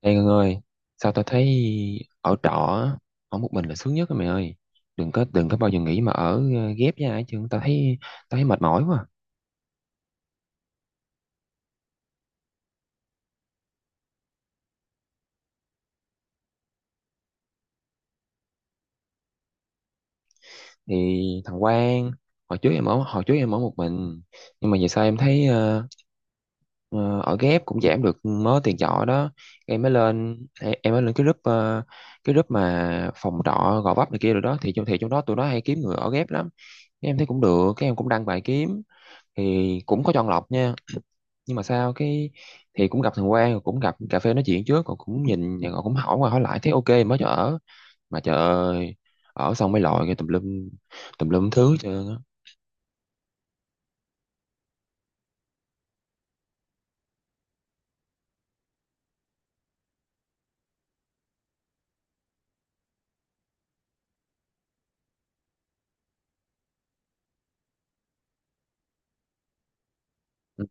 Ê Ngân ơi, sao tao thấy ở trọ á, ở một mình là sướng nhất á mày ơi. Đừng có bao giờ nghĩ mà ở ghép với ai, chứ tao thấy mệt mỏi quá. Thì thằng Quang, hồi trước em ở một mình, nhưng mà giờ sao em thấy ờ, ở ghép cũng giảm được mớ tiền trọ đó. Em mới lên cái cái group mà phòng trọ Gò Vấp này kia rồi đó, thì trong đó tụi nó hay kiếm người ở ghép lắm. Cái em thấy cũng được, cái em cũng đăng bài kiếm, thì cũng có chọn lọc nha, nhưng mà sao cái, thì cũng gặp thằng Quang, rồi cũng gặp cà phê nói chuyện trước, còn cũng nhìn rồi cũng hỏi qua hỏi lại thấy ok mới cho ở. Mà trời ơi, ở xong mới lòi cái tùm lum thứ hết trơn á. Ừ,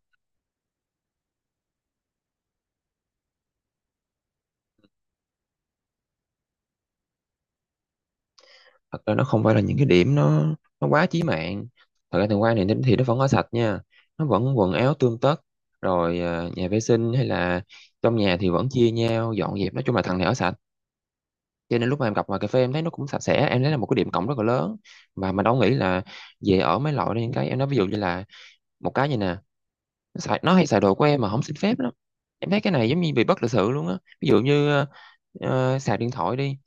thật ra nó không phải là những cái điểm nó quá chí mạng. Thật ra thằng Quang này thì nó vẫn ở sạch nha, nó vẫn quần áo tươm tất, rồi nhà vệ sinh hay là trong nhà thì vẫn chia nhau dọn dẹp. Nói chung là thằng này ở sạch, cho nên lúc mà em gặp ngoài cà phê em thấy nó cũng sạch sẽ, em thấy là một cái điểm cộng rất là lớn. Và mình đâu nghĩ là về ở mấy loại đó. Những cái em nói, ví dụ như là một cái như nè, nó hay xài đồ của em mà không xin phép lắm, em thấy cái này giống như bị bất lịch sự luôn á. Ví dụ như xài điện thoại đi,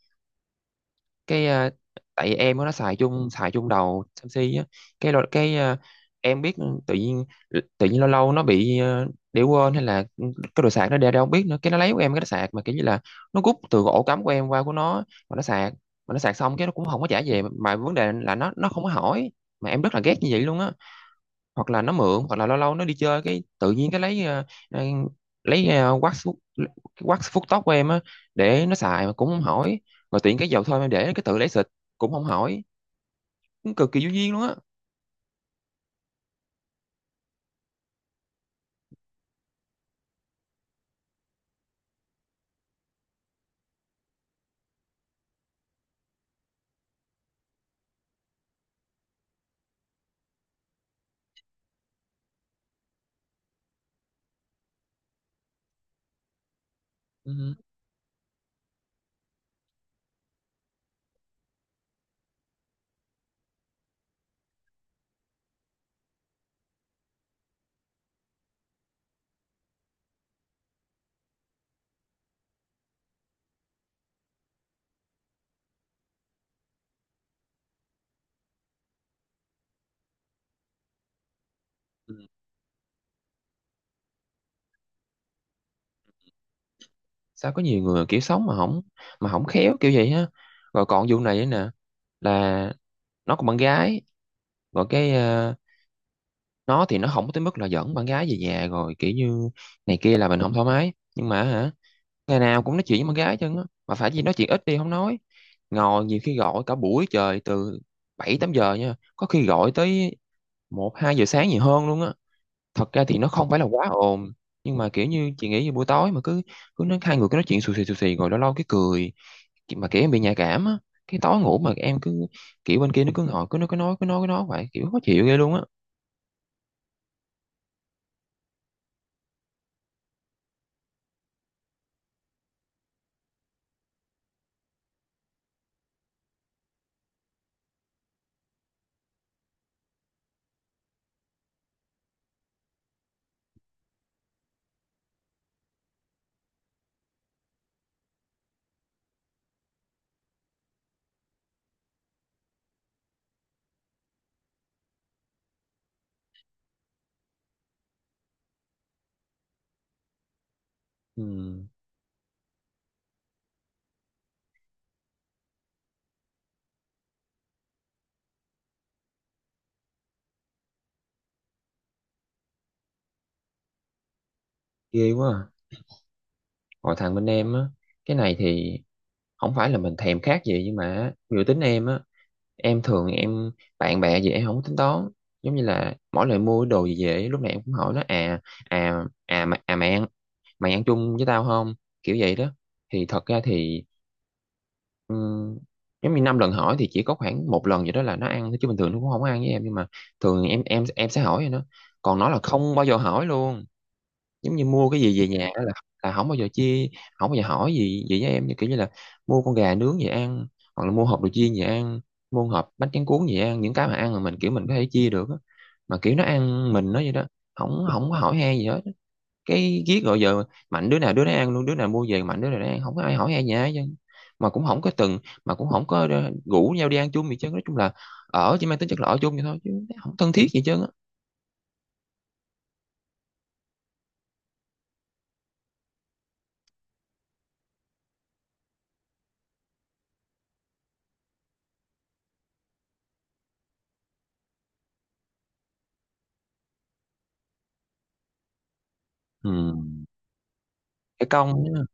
cái tại em nó xài chung đầu Samsung á. Cái lo- cái ờ, em biết, tự nhiên lâu lâu nó bị để quên hay là cái đồ sạc nó để đâu không biết nữa, cái nó lấy của em, cái nó sạc mà kiểu như là nó rút từ ổ cắm của em qua của nó mà nó sạc mà nó sạc xong cái nó cũng không có trả về, mà vấn đề là nó không có hỏi, mà em rất là ghét như vậy luôn á. Hoặc là nó mượn, hoặc là lâu lâu nó đi chơi cái tự nhiên cái lấy ờ, lấy ờ, wax phút cái wax phút tóc của em á để nó xài mà cũng không hỏi. Rồi tiện cái dầu thơm em để, cái tự lấy xịt cũng không hỏi, cũng cực kỳ vô duyên luôn á. Ừ. Ừ. Sao có nhiều người kiểu sống mà không, không khéo kiểu vậy á. Rồi còn vụ này nữa nè, là nó còn bạn gái. Rồi cái nó thì nó không tới mức là dẫn bạn gái về nhà rồi kiểu như này kia là mình không thoải mái. Nhưng mà hả, ngày nào cũng nói chuyện với con gái chân á, mà phải gì nói chuyện ít đi không, nói ngồi nhiều khi gọi cả buổi trời, từ 7, 8 giờ nha, có khi gọi tới 1, 2 giờ sáng gì hơn luôn á. Thật ra thì nó không phải là quá ồn, nhưng mà kiểu như chị nghĩ về buổi tối mà cứ cứ nói, hai người cứ nói chuyện xù xì rồi lâu lâu cái cười. Mà kiểu em bị nhạy cảm á, cái tối ngủ mà em cứ kiểu bên kia nó cứ ngồi cứ nói cứ nói cứ nói vậy, kiểu khó chịu ghê luôn á. Ừ, ghê quá à. Còn thằng bên em á, cái này thì không phải là mình thèm khát gì, nhưng mà dự tính em á, em thường em bạn bè gì em không có tính toán, giống như là mỗi lần mua đồ gì về lúc này em cũng hỏi nó à, à à mà à mày ăn chung với tao không kiểu vậy đó. Thì thật ra thì ừm, giống như năm lần hỏi thì chỉ có khoảng một lần vậy đó là nó ăn thôi, chứ bình thường nó cũng không ăn với em. Nhưng mà thường em sẽ hỏi rồi nó. Còn nó là không bao giờ hỏi luôn, giống như mua cái gì về nhà đó là, không bao giờ chia, không bao giờ hỏi gì gì với em, như kiểu như là mua con gà nướng về ăn, hoặc là mua hộp đồ chiên về ăn, mua hộp bánh tráng cuốn về ăn, những cái mà ăn là mình kiểu mình có thể chia được á. Mà kiểu nó ăn mình nó vậy đó, không không có hỏi han gì hết, cái ghét gọi giờ mạnh đứa nào đứa nấy ăn luôn, đứa nào mua về mạnh đứa nào nó ăn, không có ai hỏi han gì hết chứ. mà cũng không có từng mà cũng không có rủ nhau đi ăn chung gì chứ, nói chung là ở chỉ mang tính chất là ở chung vậy thôi chứ không thân thiết gì chứ á. Ừ, cái công nữa.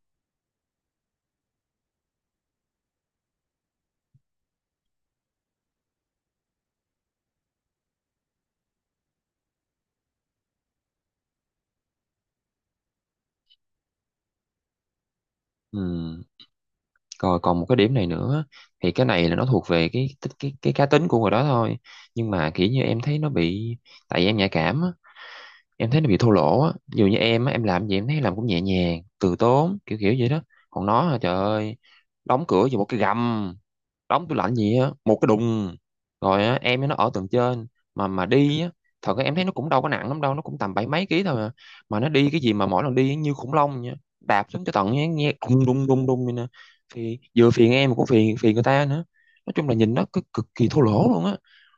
Ừ. Rồi còn một cái điểm này nữa, thì cái này là nó thuộc về cái cá tính của người đó thôi. Nhưng mà kiểu như em thấy nó bị, tại vì em nhạy cảm á, em thấy nó bị thô lỗ á. Dù như em á, em làm gì em thấy làm cũng nhẹ nhàng, từ tốn, kiểu kiểu vậy đó. Còn nó hả, trời ơi, đóng cửa vô một cái gầm, đóng tủ lạnh gì á một cái đùng. Rồi á, em với nó ở tầng trên, mà đi á, thật ra em thấy nó cũng đâu có nặng lắm đâu, nó cũng tầm bảy mấy ký thôi à. Mà nó đi cái gì mà mỗi lần đi như khủng long nha, đạp xuống cho tận nghe, nghe đùng đùng đùng đùng vậy nè, thì vừa phiền em mà cũng phiền phiền người ta nữa. Nói chung là nhìn nó cực kỳ thô lỗ luôn á,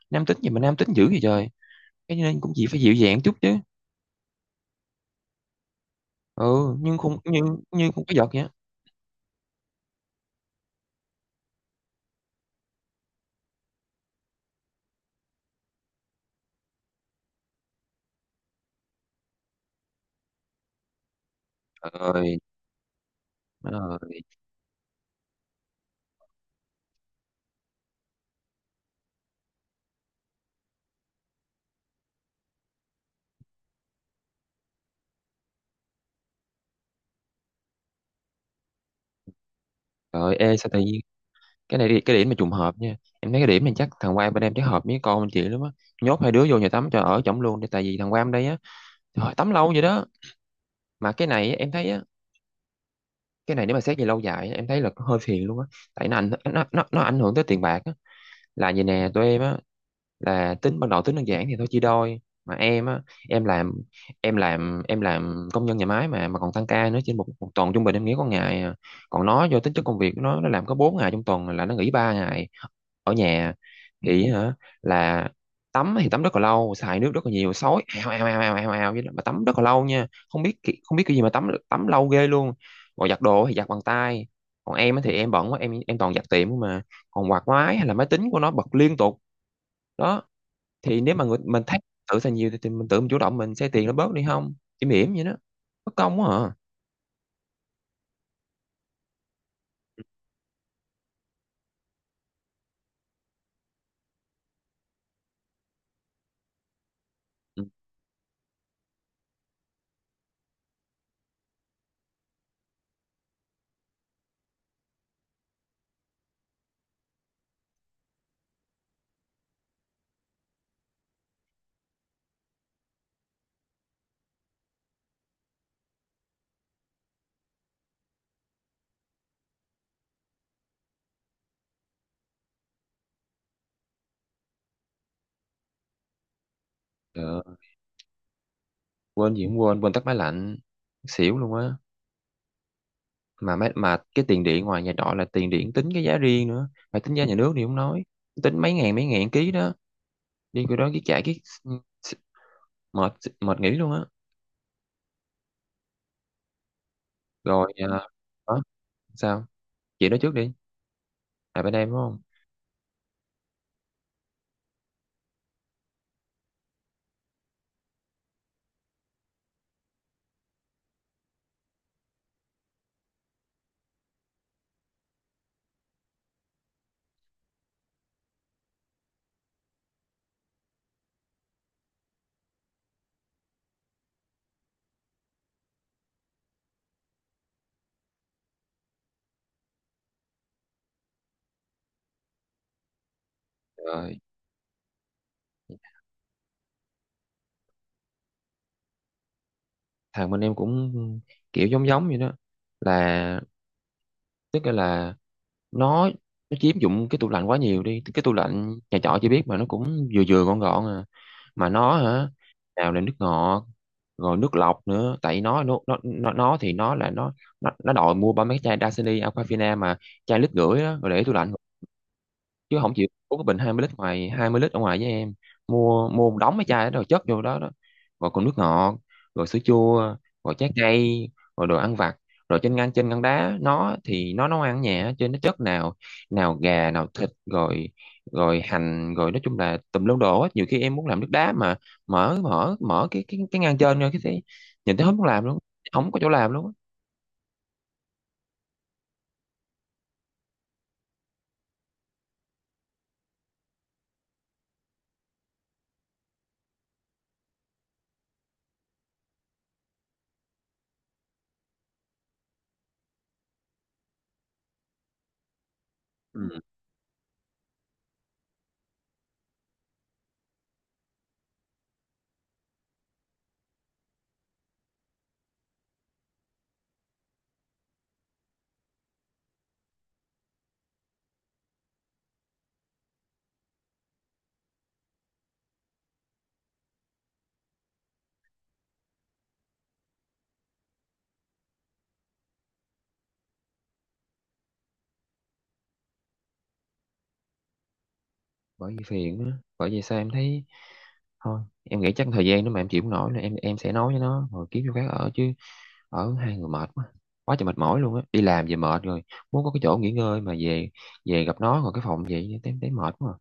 nam tính gì mà nam tính dữ vậy trời. Cái nên cũng chỉ phải dịu dàng chút chứ. Ừ. nhưng không nhưng nhưng không có giật vậy á. Trời ơi, trời ơi, trời. Ê, sao tự nhiên cái này, đi cái điểm mà trùng hợp nha, em thấy cái điểm này chắc thằng Quang bên em chắc hợp với con bên chị lắm á, nhốt hai đứa vô nhà tắm cho ở chổng luôn đi. Tại vì thằng Quang đây á, trời ơi, tắm lâu vậy đó. Mà cái này em thấy á, cái này nếu mà xét về lâu dài á, em thấy là có hơi phiền luôn á, tại nó ảnh hưởng tới tiền bạc á. Là vậy nè, tụi em á, là tính ban đầu tính đơn giản thì thôi chia đôi. Mà em á, em làm em làm công nhân nhà máy mà, còn tăng ca nữa, trên một tuần trung bình em nghỉ có ngày à. Còn nó do tính chất công việc của nó làm có 4 ngày trong tuần là nó nghỉ 3 ngày ở nhà, thì hả, là tắm thì tắm rất là lâu, xài nước rất là nhiều, sói ào ào ào ào ào ào vậy đó. Mà tắm rất là lâu nha, không biết không biết cái gì mà tắm tắm lâu ghê luôn. Còn giặt đồ thì giặt bằng tay, còn em á thì em bận quá, em toàn giặt tiệm mà. Còn quạt máy hay là máy tính của nó bật liên tục đó, thì nếu mà người, mình thấy tự xài nhiều thì, mình tự mình chủ động mình xe tiền nó bớt đi không chỉ mỉm vậy đó, bất công quá à. Ừ. Ờ, Quên gì cũng quên quên tắt máy lạnh, xỉu luôn á. Mà cái tiền điện ngoài nhà trọ là tiền điện tính cái giá riêng nữa, phải tính giá nhà nước thì không nói, tính mấy ngàn ký đó, đi cái đó cái chạy cái mệt, mệt nghỉ luôn á. Rồi à, đó, sao? Chị nói trước đi. À bên em đúng không. Rồi thằng bên em cũng kiểu giống giống vậy đó, là, tức là, nó nó chiếm dụng cái tủ lạnh quá nhiều đi. Cái tủ lạnh nhà trọ chị biết mà, nó cũng vừa vừa gọn gọn à. Mà nó hả, nào là nước ngọt, rồi nước lọc nữa, tại nó, nó đòi mua ba mấy chai Dasani Aquafina mà chai lít rưỡi đó rồi để tủ lạnh, chứ không chịu uống cái bình 20 lít, ngoài 20 lít ở ngoài với em. Mua Mua một đống mấy chai đó rồi chất vô đó đó, rồi còn nước ngọt, rồi sữa chua, rồi trái cây, rồi đồ ăn vặt. Rồi trên ngăn đá nó thì nó nấu ăn ở nhà trên nó chất nào nào gà nào thịt, rồi rồi hành, rồi nói chung là tùm lum đồ hết. Nhiều khi em muốn làm nước đá mà mở mở mở cái ngăn trên, rồi cái thấy, nhìn thấy không muốn làm luôn, không có chỗ làm luôn á. Ừ. Bởi vì phiền á. Bởi vì sao em thấy, thôi em nghĩ chắc thời gian nếu mà em chịu không nổi nữa em sẽ nói với nó rồi kiếm chỗ khác ở chứ, ở hai người mệt quá, quá trời mệt mỏi luôn á. Đi làm về mệt rồi muốn có cái chỗ nghỉ ngơi, mà về về gặp nó rồi cái phòng vậy em thấy mệt quá à.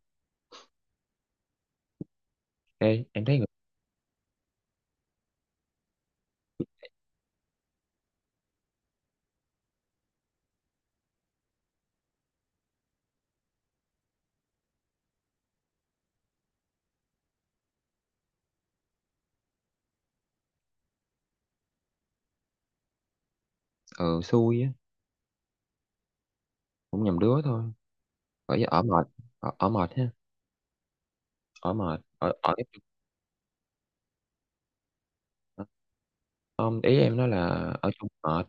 Ê, em thấy người. Ừ, xui á, cũng nhầm đứa thôi. Ở ở mệt, ở mệt ha, ở mệt ở ở không, ý em nói là ở chung mệt.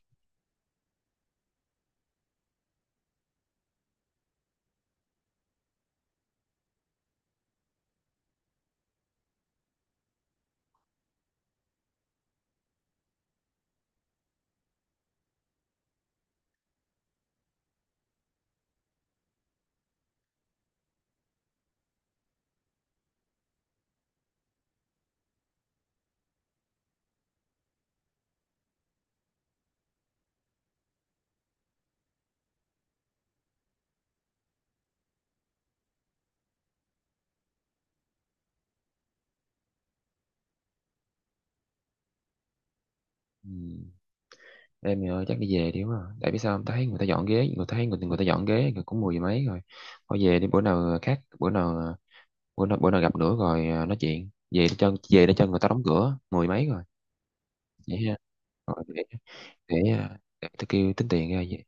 Ừ. Em thì, chắc đi về đi quá à. Tại vì sao không? Ta thấy người ta dọn ghế, người ta dọn ghế người cũng mười giờ mấy rồi. Thôi về đi, bữa nào khác bữa nào à, bữa nào gặp nữa rồi, à, nói chuyện về nó chân, người ta đóng cửa mười mấy rồi. Vậy ha, rồi để, để tôi kêu tính tiền ra.